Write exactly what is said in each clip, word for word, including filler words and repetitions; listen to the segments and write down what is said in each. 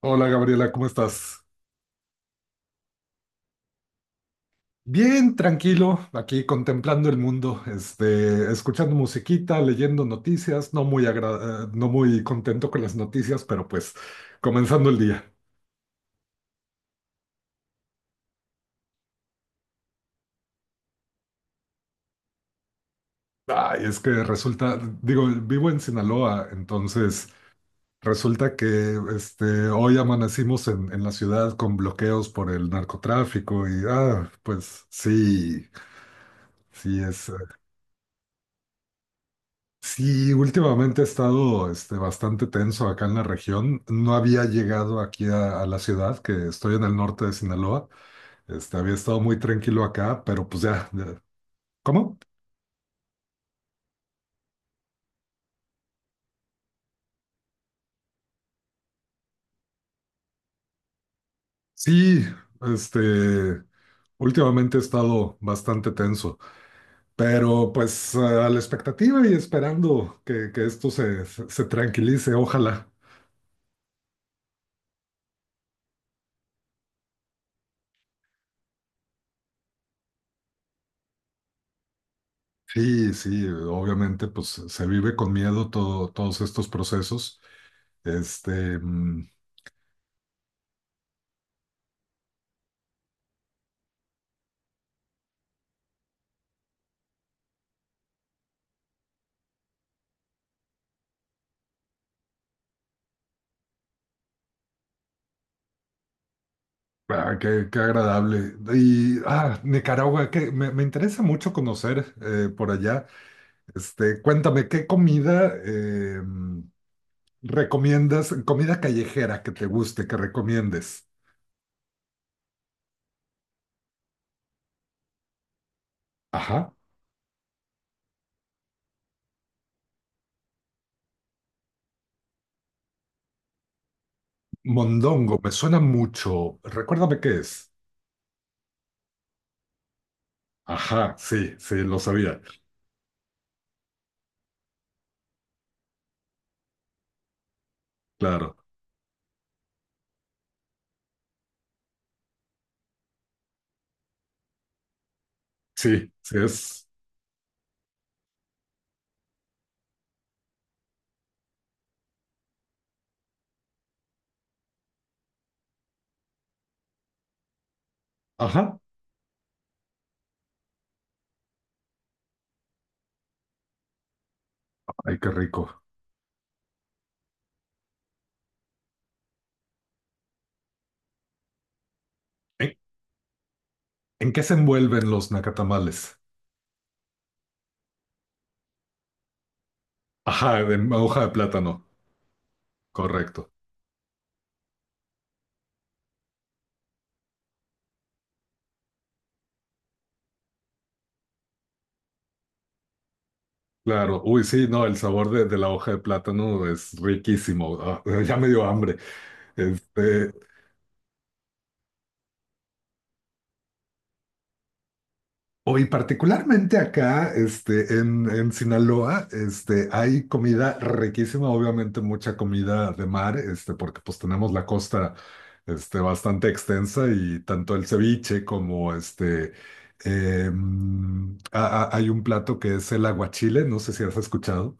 Hola Gabriela, ¿cómo estás? Bien, tranquilo, aquí contemplando el mundo, este, escuchando musiquita, leyendo noticias, no muy agra- eh, no muy contento con las noticias, pero pues comenzando el día. Ay, es que resulta, digo, vivo en Sinaloa, entonces resulta que este, hoy amanecimos en, en la ciudad con bloqueos por el narcotráfico y ah, pues sí, sí es. Sí, últimamente he estado este, bastante tenso acá en la región. No había llegado aquí a, a la ciudad, que estoy en el norte de Sinaloa. Este, había estado muy tranquilo acá, pero pues ya, ya- ¿Cómo? Sí, este, últimamente he estado bastante tenso, pero pues a la expectativa y esperando que, que esto se, se se tranquilice, ojalá. Sí, sí, obviamente pues se vive con miedo todo, todos estos procesos. Este, mm, Ah, qué, qué agradable. Y ah, Nicaragua, que me, me interesa mucho conocer eh, por allá. Este, cuéntame, ¿qué comida eh, recomiendas? Comida callejera que te guste, que recomiendes. Ajá. Mondongo, me suena mucho. Recuérdame qué es. Ajá, sí, sí, lo sabía. Claro. Sí, sí es. Ajá. Ay, qué rico. ¿En, en qué se envuelven los nacatamales? Ajá, en hoja de plátano. Correcto. Claro, uy, sí, no, el sabor de, de la hoja de plátano es riquísimo. Ah, ya me dio hambre. Este, Hoy particularmente acá, este, en, en Sinaloa, este, hay comida riquísima, obviamente mucha comida de mar, este, porque pues tenemos la costa, este, bastante extensa y tanto el ceviche como este, em, a- a- hay un plato que es el aguachile, no sé si has escuchado.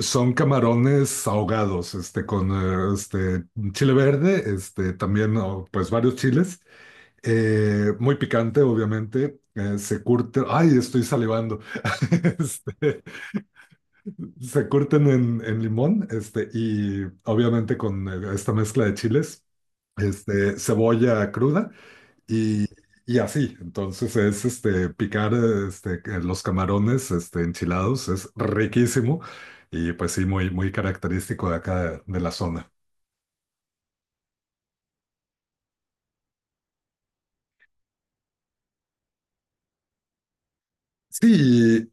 Son camarones ahogados, este, con eh, este, chile verde, este, también, oh, pues varios chiles, eh, muy picante, obviamente, eh, se curte, ay, estoy salivando. Este, Se curten en, en limón, este, y obviamente con eh, esta mezcla de chiles, este, cebolla cruda, y, y así, entonces es este picar este, los camarones este, enchilados, es riquísimo y pues sí, muy, muy característico de acá de, de la zona. Sí,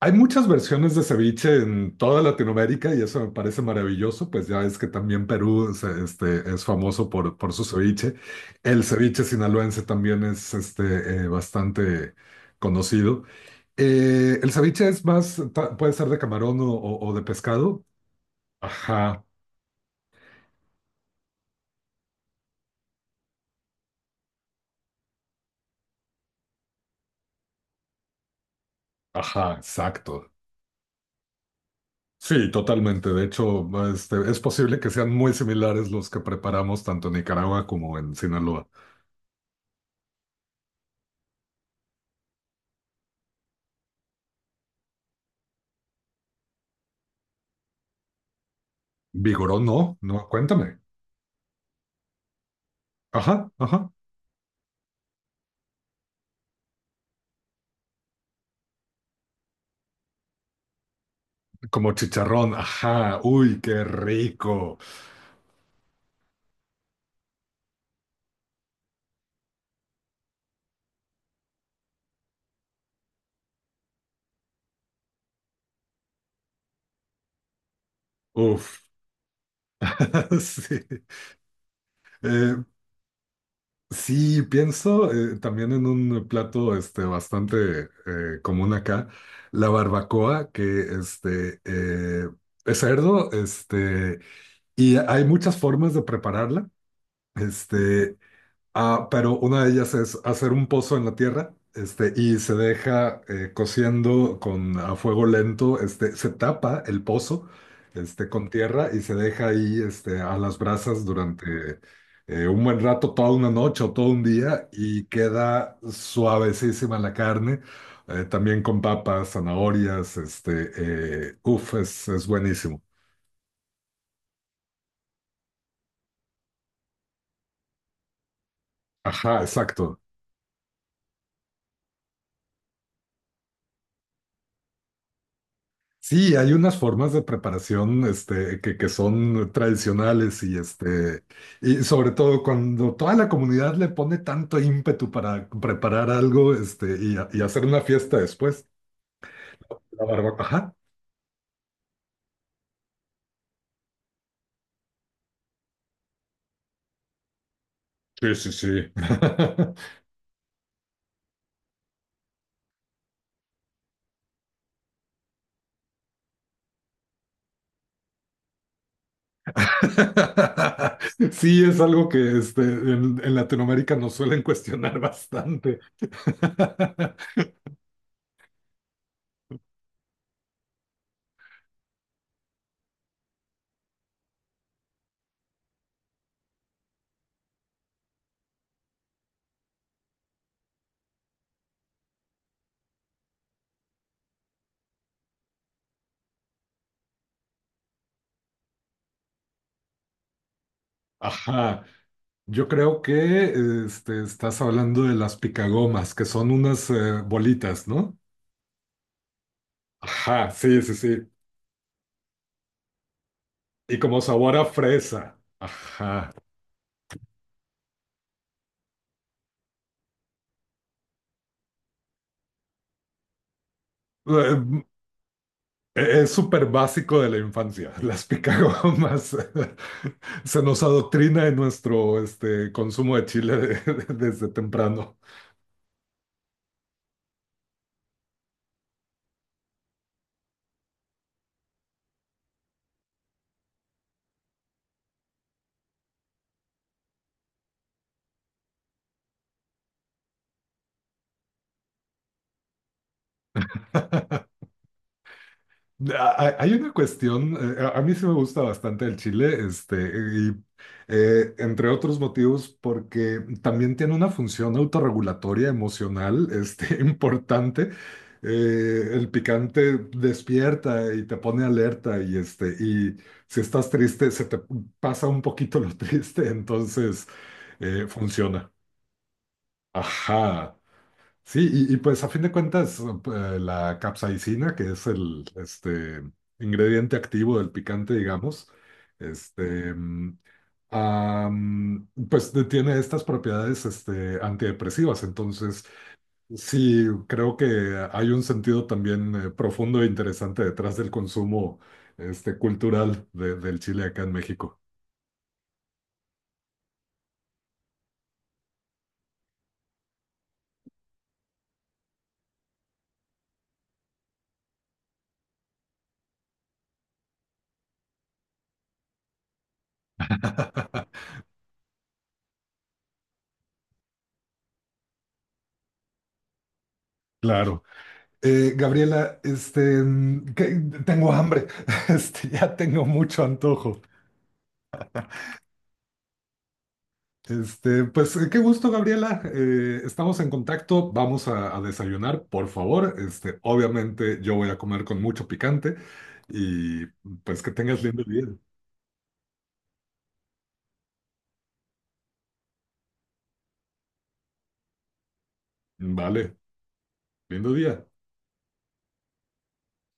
hay muchas versiones de ceviche en toda Latinoamérica y eso me parece maravilloso, pues ya es que también Perú se- este, es famoso por, por su ceviche. El ceviche sinaloense también es este, eh, bastante conocido. Eh, el ceviche es más, ta- puede ser de camarón o, o- o de pescado. Ajá, ajá, exacto. Sí, totalmente. De hecho, este, es posible que sean muy similares los que preparamos tanto en Nicaragua como en Sinaloa. Vigorón, no, no, cuéntame. Ajá, ajá. Como chicharrón, ajá. Uy, qué rico. Uf. Sí. Eh, sí, pienso eh, también en un plato este, bastante eh, común acá, la barbacoa, que este, eh, es cerdo. este Y hay muchas formas de prepararla, este, ah, pero una de ellas es hacer un pozo en la tierra, este, y se deja eh, cociendo con a fuego lento, este, se tapa el pozo, este, con tierra y se deja ahí, este, a las brasas durante eh, un buen rato, toda una noche o todo un día, y queda suavecísima la carne, eh, también con papas, zanahorias, este, eh, uf, es, es buenísimo. Ajá, exacto. Sí, hay unas formas de preparación este, que, que son tradicionales y, este, y sobre todo cuando toda la comunidad le pone tanto ímpetu para preparar algo este, y, ha- y hacer una fiesta después. La barbacoa. Ajá. Sí, sí, sí. Sí, es algo que este, en, en Latinoamérica nos suelen cuestionar bastante. Ajá. Yo creo que este, estás hablando de las picagomas, que son unas eh, bolitas, ¿no? Ajá, sí, sí, sí. Y como sabor a fresa. Ajá. Eh, Es súper básico de la infancia. Las picagomas. Se nos adoctrina en nuestro este, consumo de chile de- desde temprano. Ah, hay una cuestión, eh, a a mí sí me gusta bastante el chile, este, y eh, entre otros motivos, porque también tiene una función autorregulatoria emocional, este, importante. Eh, el picante despierta y te pone alerta y este, y si estás triste, se te pasa un poquito lo triste, entonces eh, funciona. Ajá. Sí, y, y pues a fin de cuentas, eh, la capsaicina, que es el este, ingrediente activo del picante, digamos, este, mm, am, pues de- tiene estas propiedades este, antidepresivas. Entonces, sí, creo que hay un sentido también eh, profundo e interesante detrás del consumo este, cultural de- del chile acá en México. Claro. Eh, Gabriela, este, mm, que- tengo hambre, este, ya tengo mucho antojo. Este, pues eh, qué gusto, Gabriela. Eh, estamos en contacto, vamos a, a desayunar, por favor. Este, obviamente yo voy a comer con mucho picante y pues que tengas lindo día. Vale, lindo día.